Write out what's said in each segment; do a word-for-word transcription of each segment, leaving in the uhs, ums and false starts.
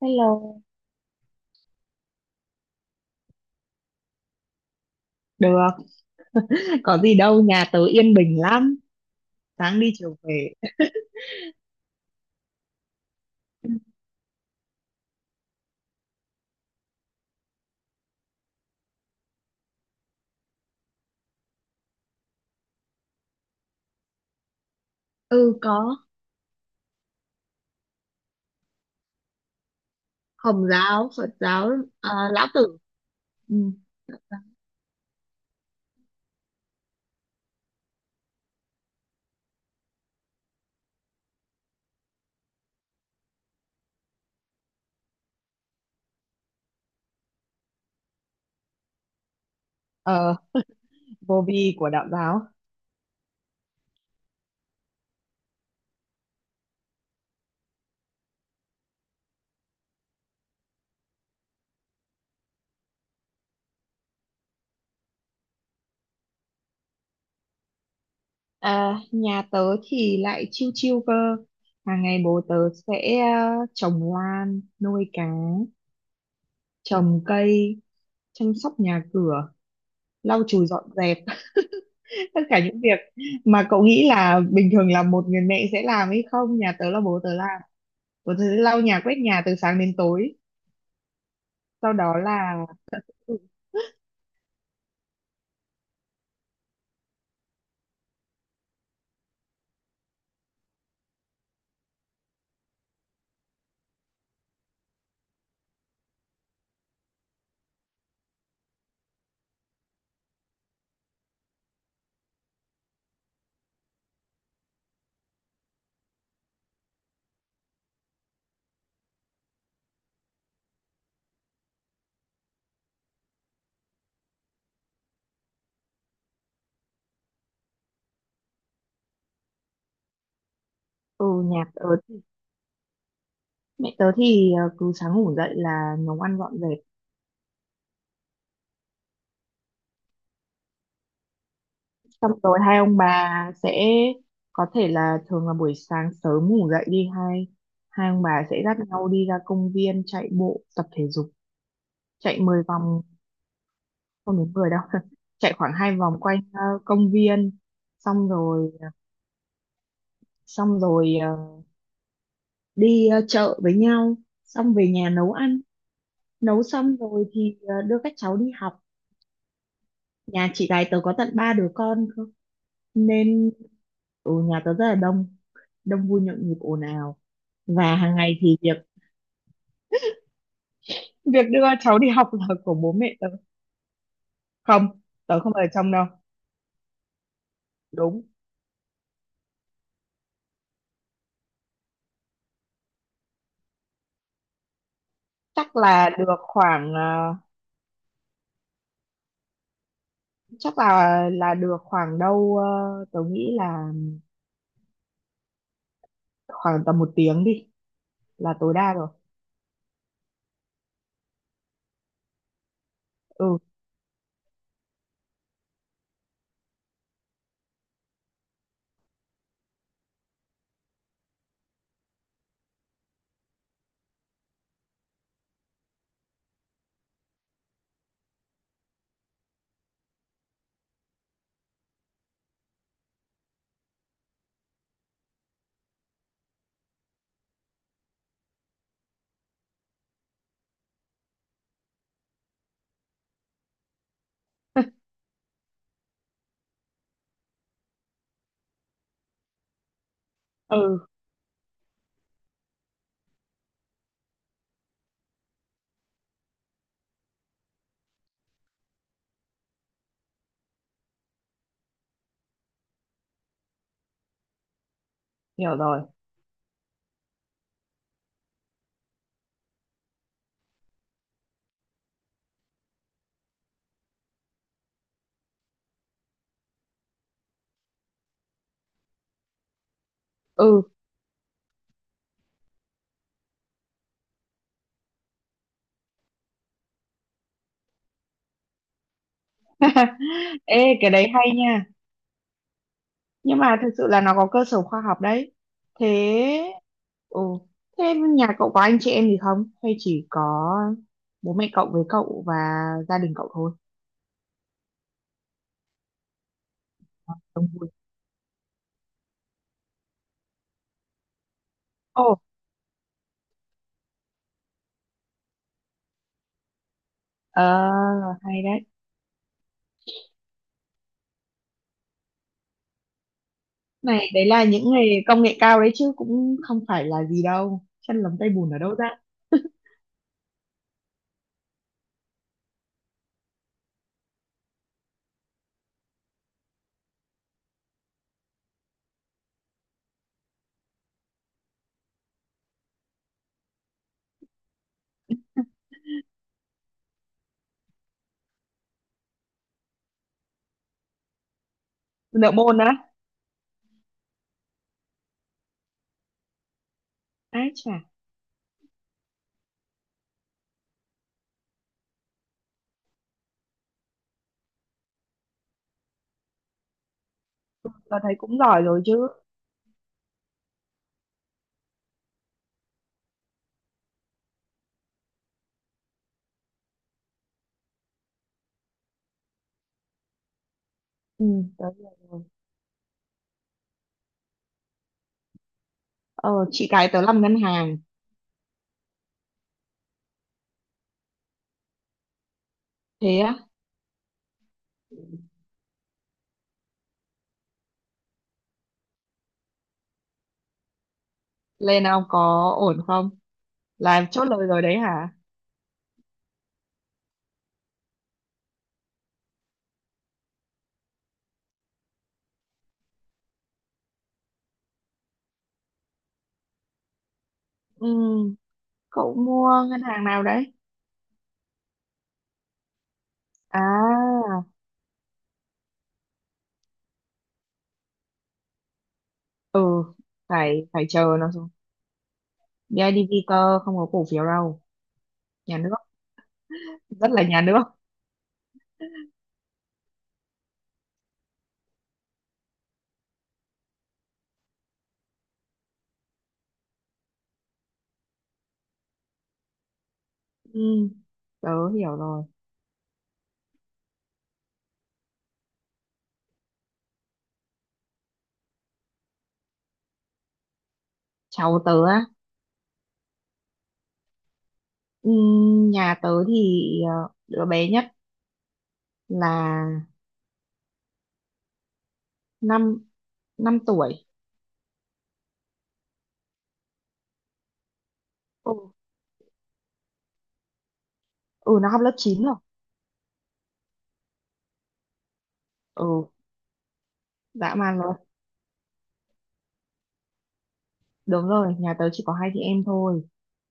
Hello, được. Có gì đâu, nhà tớ yên bình lắm. Sáng đi chiều về. Ừ, có. Hồng giáo, Phật giáo. À, Lão Tử. Ừ. Ờ, Vô vi của đạo giáo. À, nhà tớ thì lại chiêu chiêu cơ. Hàng ngày bố tớ sẽ ờ, trồng lan, nuôi cá, trồng cây, chăm sóc nhà cửa, lau chùi dọn dẹp. Tất cả những việc mà cậu nghĩ là bình thường là một người mẹ sẽ làm hay không, nhà tớ là bố tớ làm. Ủa, thế lau nhà quét nhà từ sáng đến tối, sau đó là... Ừ. Ừ, nhà tớ, mẹ tớ thì ờ, cứ sáng ngủ dậy là nấu ăn dọn dẹp. Xong rồi hai ông bà sẽ có thể là thường là buổi sáng sớm ngủ dậy đi, hai hai ông bà sẽ dắt nhau đi ra công viên chạy bộ tập thể dục, chạy mười vòng. Không đến mười đâu, chạy khoảng hai vòng quanh ờ, công viên, xong rồi ờ, xong rồi ờ, đi ờ, chợ với nhau, xong về nhà nấu ăn. Nấu xong rồi thì ờ, đưa các cháu đi học. Nhà chị gái tớ có tận ba đứa con cơ, nên ở nhà tớ rất là đông, đông vui nhộn nhịp ồn ào. Và hàng ngày thì việc việc đưa cháu đi học là của bố mẹ tớ. Không, tớ không ở trong đâu. Đúng. Chắc là được khoảng ờ, chắc là là được khoảng đâu ờ, tớ nghĩ là khoảng tầm một tiếng đi, là tối đa rồi. Ừ. Ừ, hiểu rồi. Ừ. Ê, cái đấy hay nha. Nhưng mà thực sự là nó có cơ sở khoa học đấy. Thế. Ừ. Thế nhà cậu có anh chị em gì không, hay chỉ có bố mẹ cậu với cậu và gia đình cậu thôi? Đông vui. Ồ. Ờ. Hay đấy. Này, đấy là những nghề công nghệ cao đấy chứ, cũng không phải là gì đâu, chân lấm tay bùn ở đâu ra. Nợ môn á? Ái chà. Tớ thấy cũng giỏi rồi chứ. Ừ, tớ hiểu rồi. Ờ, chị cái tớ làm ngân hàng. Thế á? Lên ông có ổn không? Làm chốt lời rồi đấy hả? Ừ. Cậu mua ngân hàng nào đấy? À. Ừ, phải phải chờ nó xuống. bê i đê vê cơ, không có cổ phiếu đâu. Nhà nước, rất là nhà nước. Ừ, tớ hiểu rồi. Cháu tớ á? Ừ, nhà tớ thì ờ, đứa bé nhất là năm năm tuổi. Ừ. Ừ, nó học lớp chín rồi. Ừ. Dã man luôn. Đúng rồi, nhà tớ chỉ có hai chị em thôi,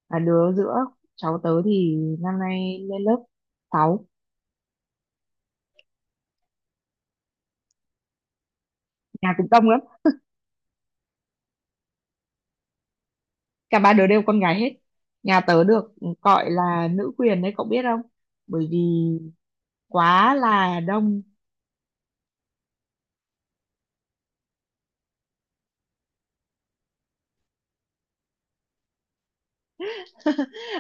là đứa giữa. Cháu tớ thì năm nay lên lớp sáu. Nhà cũng đông lắm. Cả ba đứa đều con gái hết. Nhà tớ được gọi là nữ quyền đấy cậu biết không, bởi vì quá là đông.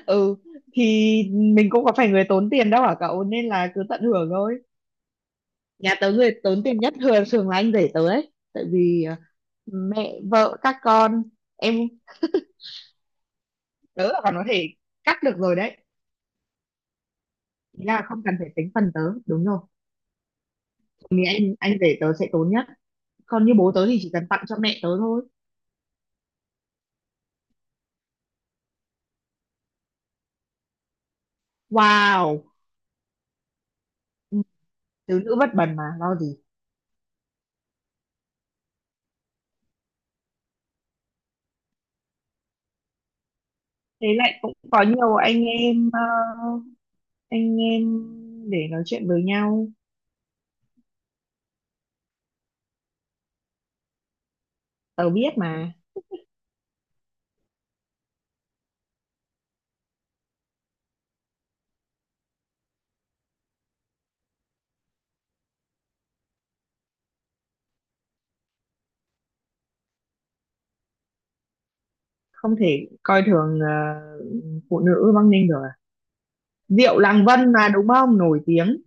Ừ, thì mình cũng có phải người tốn tiền đâu hả cậu, nên là cứ tận hưởng thôi. Nhà tớ người tốn tiền nhất thường thường là anh rể tớ ấy, tại vì ờ, mẹ vợ các con. Em tớ là còn có thể cắt được rồi đấy. Ý là không cần phải tính phần tớ, đúng rồi. Thì anh anh rể tớ sẽ tốn nhất. Còn như bố tớ thì chỉ cần tặng cho mẹ tớ thôi. Wow. Ừ, tứ nữ bất bần mà lo gì. Thế lại cũng có nhiều anh em ờ, anh em để nói chuyện với nhau. Tớ biết mà. Không thể coi thường ờ, phụ nữ Bắc Ninh được à. Rượu Làng Vân mà, đúng không, nổi tiếng.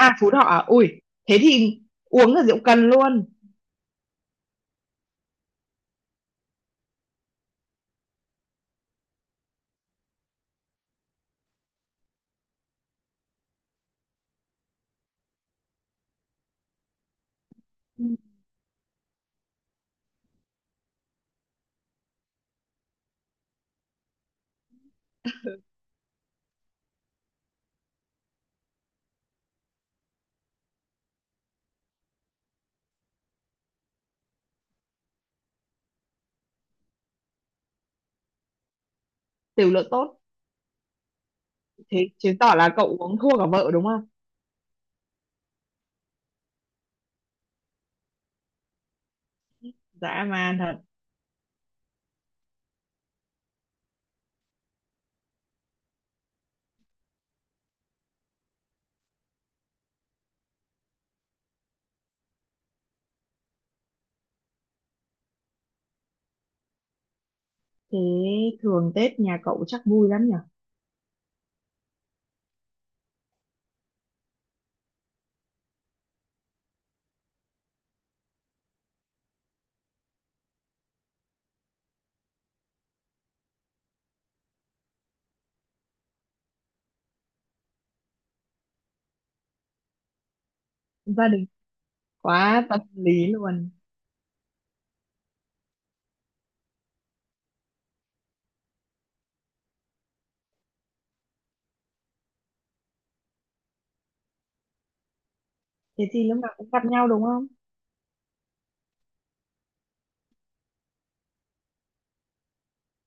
À, Phú Thọ à? Ui, thế thì uống là rượu cần luôn. Ừ, tiểu lượng tốt. Thế chứng tỏ là cậu uống thua cả vợ đúng không? Dã man thật. Thế thường Tết nhà cậu chắc vui lắm nhỉ. Gia đình. Quá tâm lý luôn. Thế thì lúc nào cũng gặp nhau đúng không?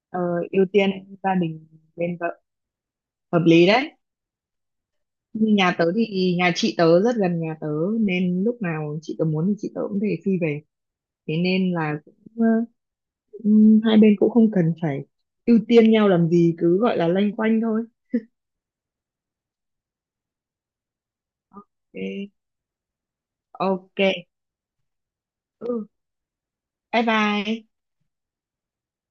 Ờ, ưu tiên gia đình bên vợ. Hợp lý đấy. Như nhà tớ thì nhà chị tớ rất gần nhà tớ, nên lúc nào chị tớ muốn thì chị tớ cũng thể phi về. Thế nên là cũng, ờ, ừm, hai bên cũng không cần phải ưu tiên nhau làm gì, cứ gọi là loanh quanh thôi. Thế, ok. Ừ, bye bye.